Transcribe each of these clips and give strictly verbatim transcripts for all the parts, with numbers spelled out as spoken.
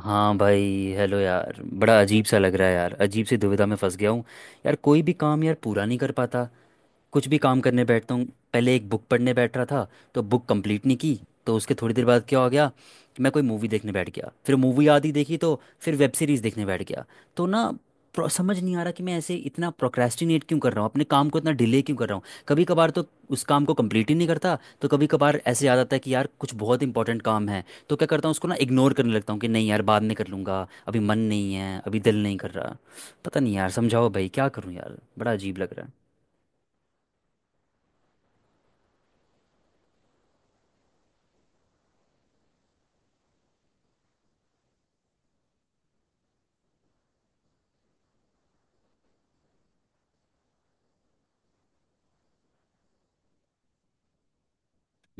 हाँ भाई। हेलो यार, बड़ा अजीब सा लग रहा है यार, अजीब सी दुविधा में फंस गया हूँ। यार कोई भी काम यार पूरा नहीं कर पाता। कुछ भी काम करने बैठता हूँ, पहले एक बुक पढ़ने बैठ रहा था, तो बुक कंप्लीट नहीं की, तो उसके थोड़ी देर बाद क्या हो गया कि मैं कोई मूवी देखने बैठ गया, फिर मूवी आधी देखी तो फिर वेब सीरीज़ देखने बैठ गया। तो ना प्रो- समझ नहीं आ रहा कि मैं ऐसे इतना प्रोक्रेस्टिनेट क्यों कर रहा हूँ, अपने काम को इतना डिले क्यों कर रहा हूँ। कभी कभार तो उस काम को कंप्लीट ही नहीं करता, तो कभी कभार ऐसे याद आता है कि यार कुछ बहुत इंपॉर्टेंट काम है, तो क्या करता हूँ उसको ना इग्नोर करने लगता हूँ कि नहीं यार बाद में कर लूँगा, अभी मन नहीं है, अभी दिल नहीं कर रहा। पता नहीं यार, समझाओ भाई क्या करूँ यार, बड़ा अजीब लग रहा है।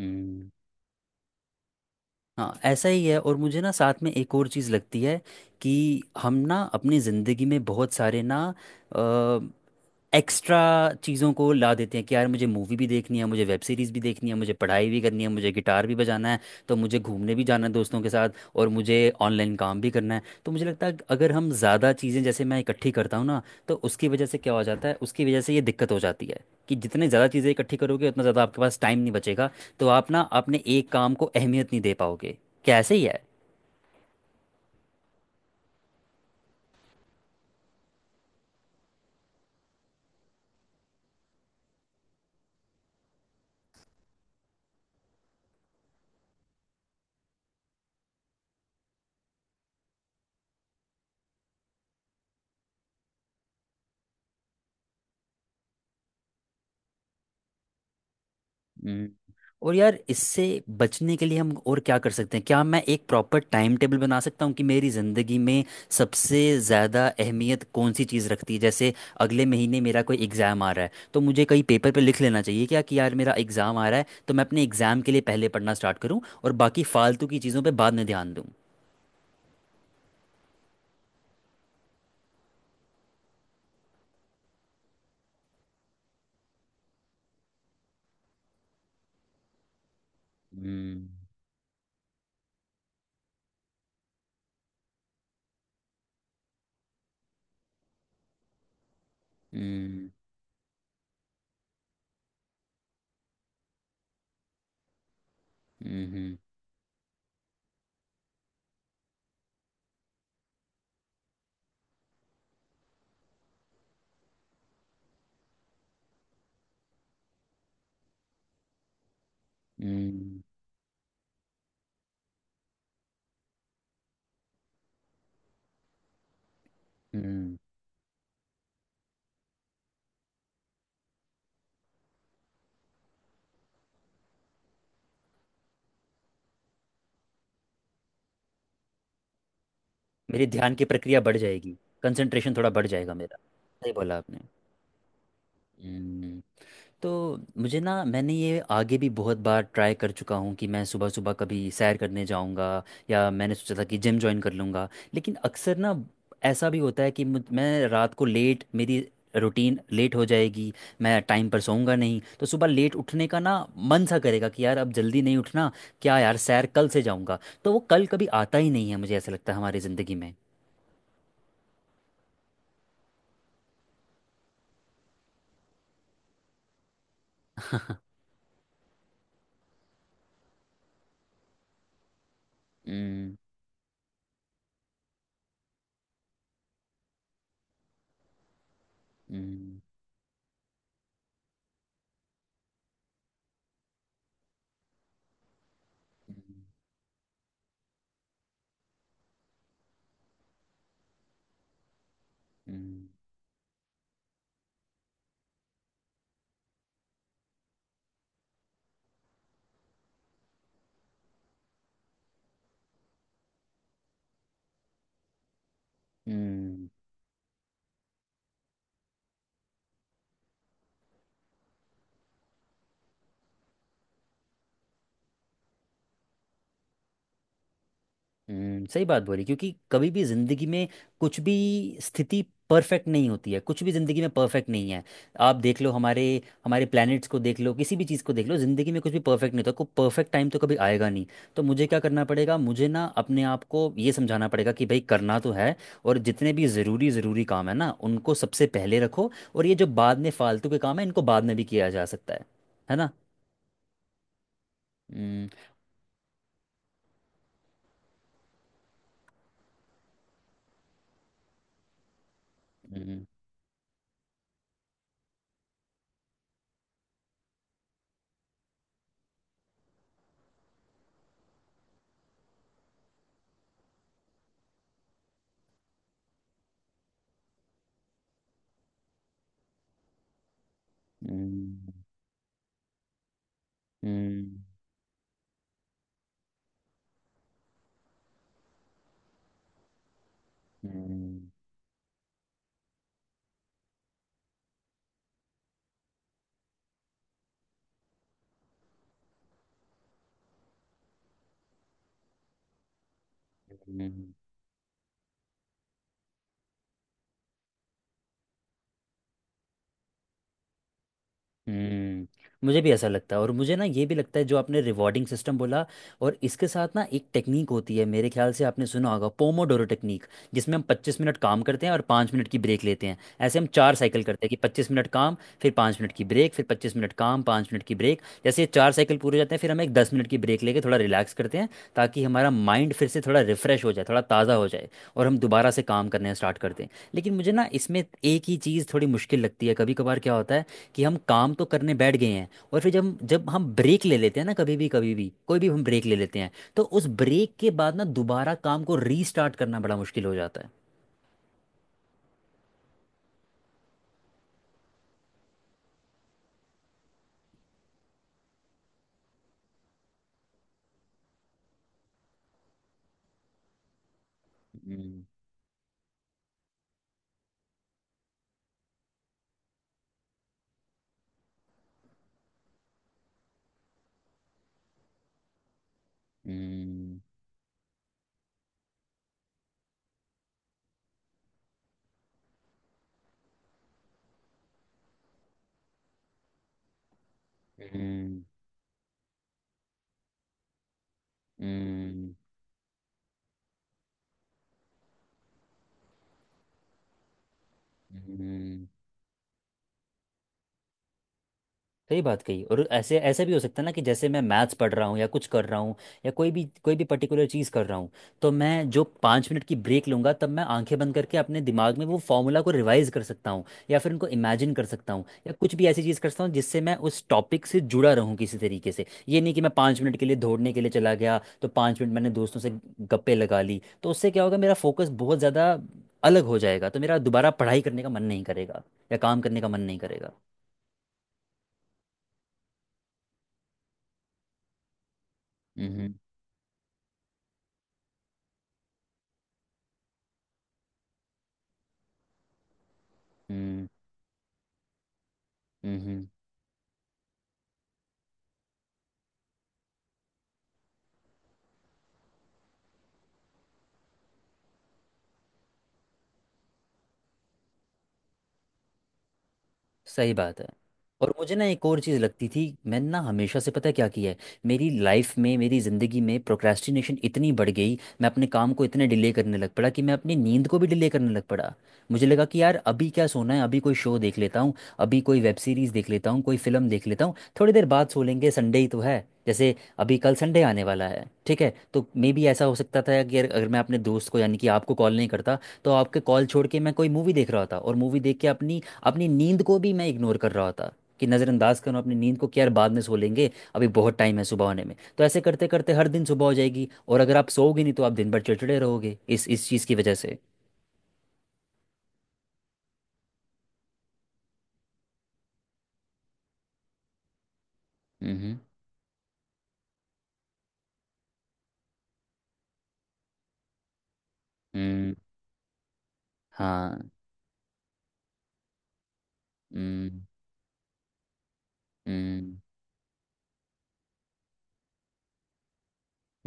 हम्म। हाँ ऐसा ही है। और मुझे ना साथ में एक और चीज़ लगती है कि हम ना अपनी ज़िंदगी में बहुत सारे ना अ, एक्स्ट्रा चीज़ों को ला देते हैं कि यार मुझे मूवी भी देखनी है, मुझे वेब सीरीज़ भी देखनी है, मुझे पढ़ाई भी करनी है, मुझे गिटार भी बजाना है, तो मुझे घूमने भी जाना है दोस्तों के साथ, और मुझे ऑनलाइन काम भी करना है। तो मुझे लगता है कि अगर हम ज़्यादा चीज़ें जैसे मैं इकट्ठी करता हूँ ना, तो उसकी वजह से क्या हो जाता है, उसकी वजह से ये दिक्कत हो जाती है कि जितने ज़्यादा चीज़ें इकट्ठी करोगे उतना ज़्यादा आपके पास टाइम नहीं बचेगा, तो आप ना अपने एक काम को अहमियत नहीं दे पाओगे। कैसे ही है। हम्म। और यार इससे बचने के लिए हम और क्या कर सकते हैं? क्या मैं एक प्रॉपर टाइम टेबल बना सकता हूँ कि मेरी ज़िंदगी में सबसे ज़्यादा अहमियत कौन सी चीज़ रखती है? जैसे अगले महीने मेरा कोई एग्ज़ाम आ रहा है, तो मुझे कहीं पेपर पे लिख लेना चाहिए क्या कि यार मेरा एग्ज़ाम आ रहा है, तो मैं अपने एग्ज़ाम के लिए पहले पढ़ना स्टार्ट करूँ और बाकी फालतू की चीज़ों पर बाद में ध्यान दूँ। हम्म। हम्म। हम्म। हम्म। हम्म। मेरी ध्यान की प्रक्रिया बढ़ जाएगी, कंसंट्रेशन थोड़ा बढ़ जाएगा मेरा। सही बोला आपने। हम्म। तो मुझे ना, मैंने ये आगे भी बहुत बार ट्राई कर चुका हूँ कि मैं सुबह सुबह कभी सैर करने जाऊँगा, या मैंने सोचा था कि जिम ज्वाइन कर लूँगा, लेकिन अक्सर ना ऐसा भी होता है कि मुझ- मैं रात को लेट, मेरी रूटीन लेट हो जाएगी, मैं टाइम पर सोऊंगा नहीं, तो सुबह लेट उठने का ना मन सा करेगा कि यार अब जल्दी नहीं उठना, क्या यार सैर कल से जाऊँगा, तो वो कल कभी आता ही नहीं है मुझे ऐसा लगता है हमारी ज़िंदगी में। हम्म। हम्म। हम्म। हम्म। सही बात बोली, क्योंकि कभी भी जिंदगी में कुछ भी स्थिति परफेक्ट नहीं होती है, कुछ भी जिंदगी में परफेक्ट नहीं है। आप देख लो हमारे हमारे प्लैनेट्स को देख लो, किसी भी चीज़ को देख लो, जिंदगी में कुछ भी परफेक्ट नहीं होता, कोई परफेक्ट टाइम तो कभी आएगा नहीं। तो मुझे क्या करना पड़ेगा, मुझे ना अपने आप को ये समझाना पड़ेगा कि भाई करना तो है, और जितने भी ज़रूरी ज़रूरी काम है ना उनको सबसे पहले रखो, और ये जो बाद में फालतू के काम है इनको बाद में भी किया जा सकता है है ना। हम्म। हम्म। हम्म। हम्म। हम्म। हम्म। हम्म। मुझे भी ऐसा लगता है, और मुझे ना ये भी लगता है, जो आपने रिवॉर्डिंग सिस्टम बोला, और इसके साथ ना एक टेक्निक होती है, मेरे ख्याल से आपने सुना होगा, पोमोडोरो टेक्निक, जिसमें हम पच्चीस मिनट काम करते हैं और पाँच मिनट की ब्रेक लेते हैं। ऐसे हम चार साइकिल करते हैं कि पच्चीस मिनट काम, फिर पाँच मिनट की ब्रेक, फिर पच्चीस मिनट काम, पाँच मिनट की ब्रेक। जैसे ये चार साइकिल पूरे हो जाते हैं, फिर हम एक दस मिनट की ब्रेक लेके थोड़ा रिलैक्स करते हैं, ताकि हमारा माइंड फिर से थोड़ा रिफ्रेश हो जाए, थोड़ा ताज़ा हो जाए, और हम दोबारा से काम करने स्टार्ट करते हैं। लेकिन मुझे ना इसमें एक ही चीज़ थोड़ी मुश्किल लगती है, कभी कभार क्या होता है कि हम काम तो करने बैठ गए हैं, और फिर जब जब हम ब्रेक ले लेते हैं ना, कभी भी कभी भी कोई भी हम ब्रेक ले लेते हैं, तो उस ब्रेक के बाद ना दोबारा काम को रीस्टार्ट करना बड़ा मुश्किल हो जाता है। हम्म। हम्म। हम्म। हम्म। हम्म। सही बात कही। और ऐसे ऐसे भी हो सकता है ना कि जैसे मैं मैथ्स पढ़ रहा हूँ या कुछ कर रहा हूँ, या कोई भी कोई भी पर्टिकुलर चीज़ कर रहा हूँ, तो मैं जो पाँच मिनट की ब्रेक लूँगा, तब मैं आंखें बंद करके अपने दिमाग में वो फॉर्मूला को रिवाइज कर सकता हूँ, या फिर उनको इमेजिन कर सकता हूँ, या कुछ भी ऐसी चीज़ कर सकता हूँ जिससे मैं उस टॉपिक से जुड़ा रहूँ किसी तरीके से। ये नहीं कि मैं पाँच मिनट के लिए दौड़ने के लिए चला गया, तो पाँच मिनट मैंने दोस्तों से गप्पे लगा ली, तो उससे क्या होगा, मेरा फोकस बहुत ज़्यादा अलग हो जाएगा, तो मेरा दोबारा पढ़ाई करने का मन नहीं करेगा, या काम करने का मन नहीं करेगा। हम्म। हम्म। हम्म। सही बात है। और मुझे ना एक और चीज़ लगती थी, मैंने ना हमेशा से पता है क्या किया है, मेरी लाइफ में, मेरी ज़िंदगी में प्रोक्रेस्टिनेशन इतनी बढ़ गई, मैं अपने काम को इतने डिले करने लग पड़ा, कि मैं अपनी नींद को भी डिले करने लग पड़ा। मुझे लगा कि यार अभी क्या सोना है, अभी कोई शो देख लेता हूँ, अभी कोई वेब सीरीज़ देख लेता हूँ, कोई फिल्म देख लेता हूँ, थोड़ी देर बाद सो लेंगे, संडे ही तो है जैसे, अभी कल संडे आने वाला है, ठीक है। तो मे बी ऐसा हो सकता था कि अगर अगर मैं अपने दोस्त को यानी कि आपको कॉल नहीं करता, तो आपके कॉल छोड़ के मैं कोई मूवी देख रहा था, और मूवी देख के अपनी अपनी नींद को भी मैं इग्नोर कर रहा था, कि नज़रअंदाज करूँ अपनी नींद को कि यार बाद में सो लेंगे, अभी बहुत टाइम है सुबह होने में। तो ऐसे करते करते हर दिन सुबह हो जाएगी, और अगर आप सोओगे नहीं तो आप दिन भर चिड़चिड़े रहोगे इस इस चीज़ की वजह से। हम्म। हम्म। हाँ। हम्म। हम्म।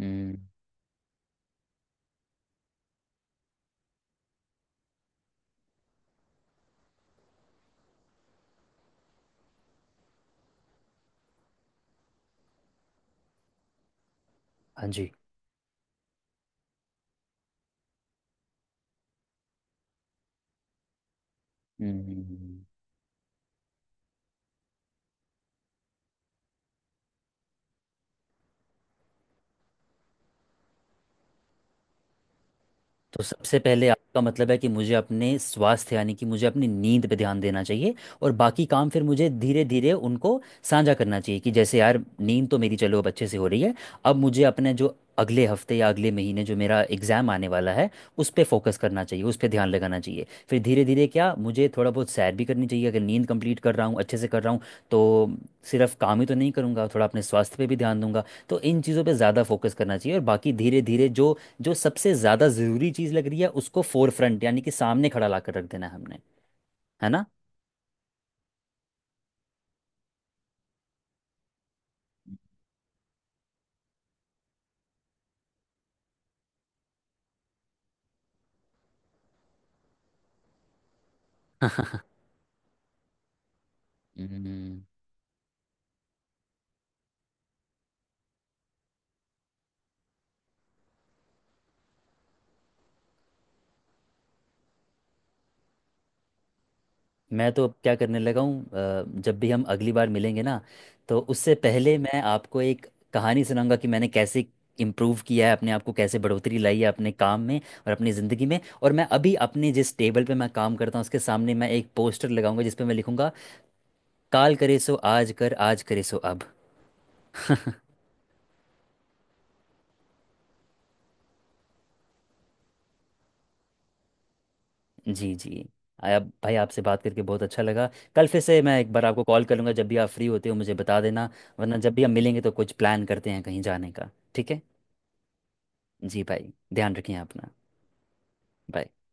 हम्म। हाँ जी। हम्म। तो सबसे पहले आपका मतलब है कि मुझे अपने स्वास्थ्य, यानी कि मुझे अपनी नींद पे ध्यान देना चाहिए, और बाकी काम फिर मुझे धीरे धीरे उनको साझा करना चाहिए कि जैसे यार नींद तो मेरी चलो अब अच्छे से हो रही है, अब मुझे अपने जो अगले हफ्ते या अगले महीने जो मेरा एग्ज़ाम आने वाला है, उस पर फोकस करना चाहिए, उस पर ध्यान लगाना चाहिए। फिर धीरे धीरे क्या मुझे थोड़ा बहुत सैर भी करनी चाहिए, अगर नींद कंप्लीट कर रहा हूँ, अच्छे से कर रहा हूँ, तो सिर्फ काम ही तो नहीं करूँगा, थोड़ा अपने स्वास्थ्य पे भी ध्यान दूंगा। तो इन चीज़ों पे ज़्यादा फोकस करना चाहिए, और बाकी धीरे धीरे जो जो सबसे ज्यादा जरूरी चीज लग रही है उसको फोर फ्रंट यानी कि सामने खड़ा ला कर रख देना है हमने, है ना। हम्म। मैं तो अब क्या करने लगा हूँ, अ, जब भी हम अगली बार मिलेंगे ना, तो उससे पहले मैं आपको एक कहानी सुनाऊंगा कि मैंने कैसे इम्प्रूव किया है अपने आप को, कैसे बढ़ोतरी लाई है अपने काम में और अपनी ज़िंदगी में। और मैं अभी अपने जिस टेबल पे मैं काम करता हूँ, उसके सामने मैं एक पोस्टर लगाऊंगा, जिस पे मैं लिखूंगा, काल करे सो आज कर, आज करे सो अब। जी जी। आया भाई, आपसे बात करके बहुत अच्छा लगा। कल फिर से मैं एक बार आपको कॉल करूंगा, जब भी आप फ्री होते हो मुझे बता देना, वरना जब भी हम मिलेंगे तो कुछ प्लान करते हैं कहीं जाने का, ठीक है। जी भाई, ध्यान रखिए अपना। बाय।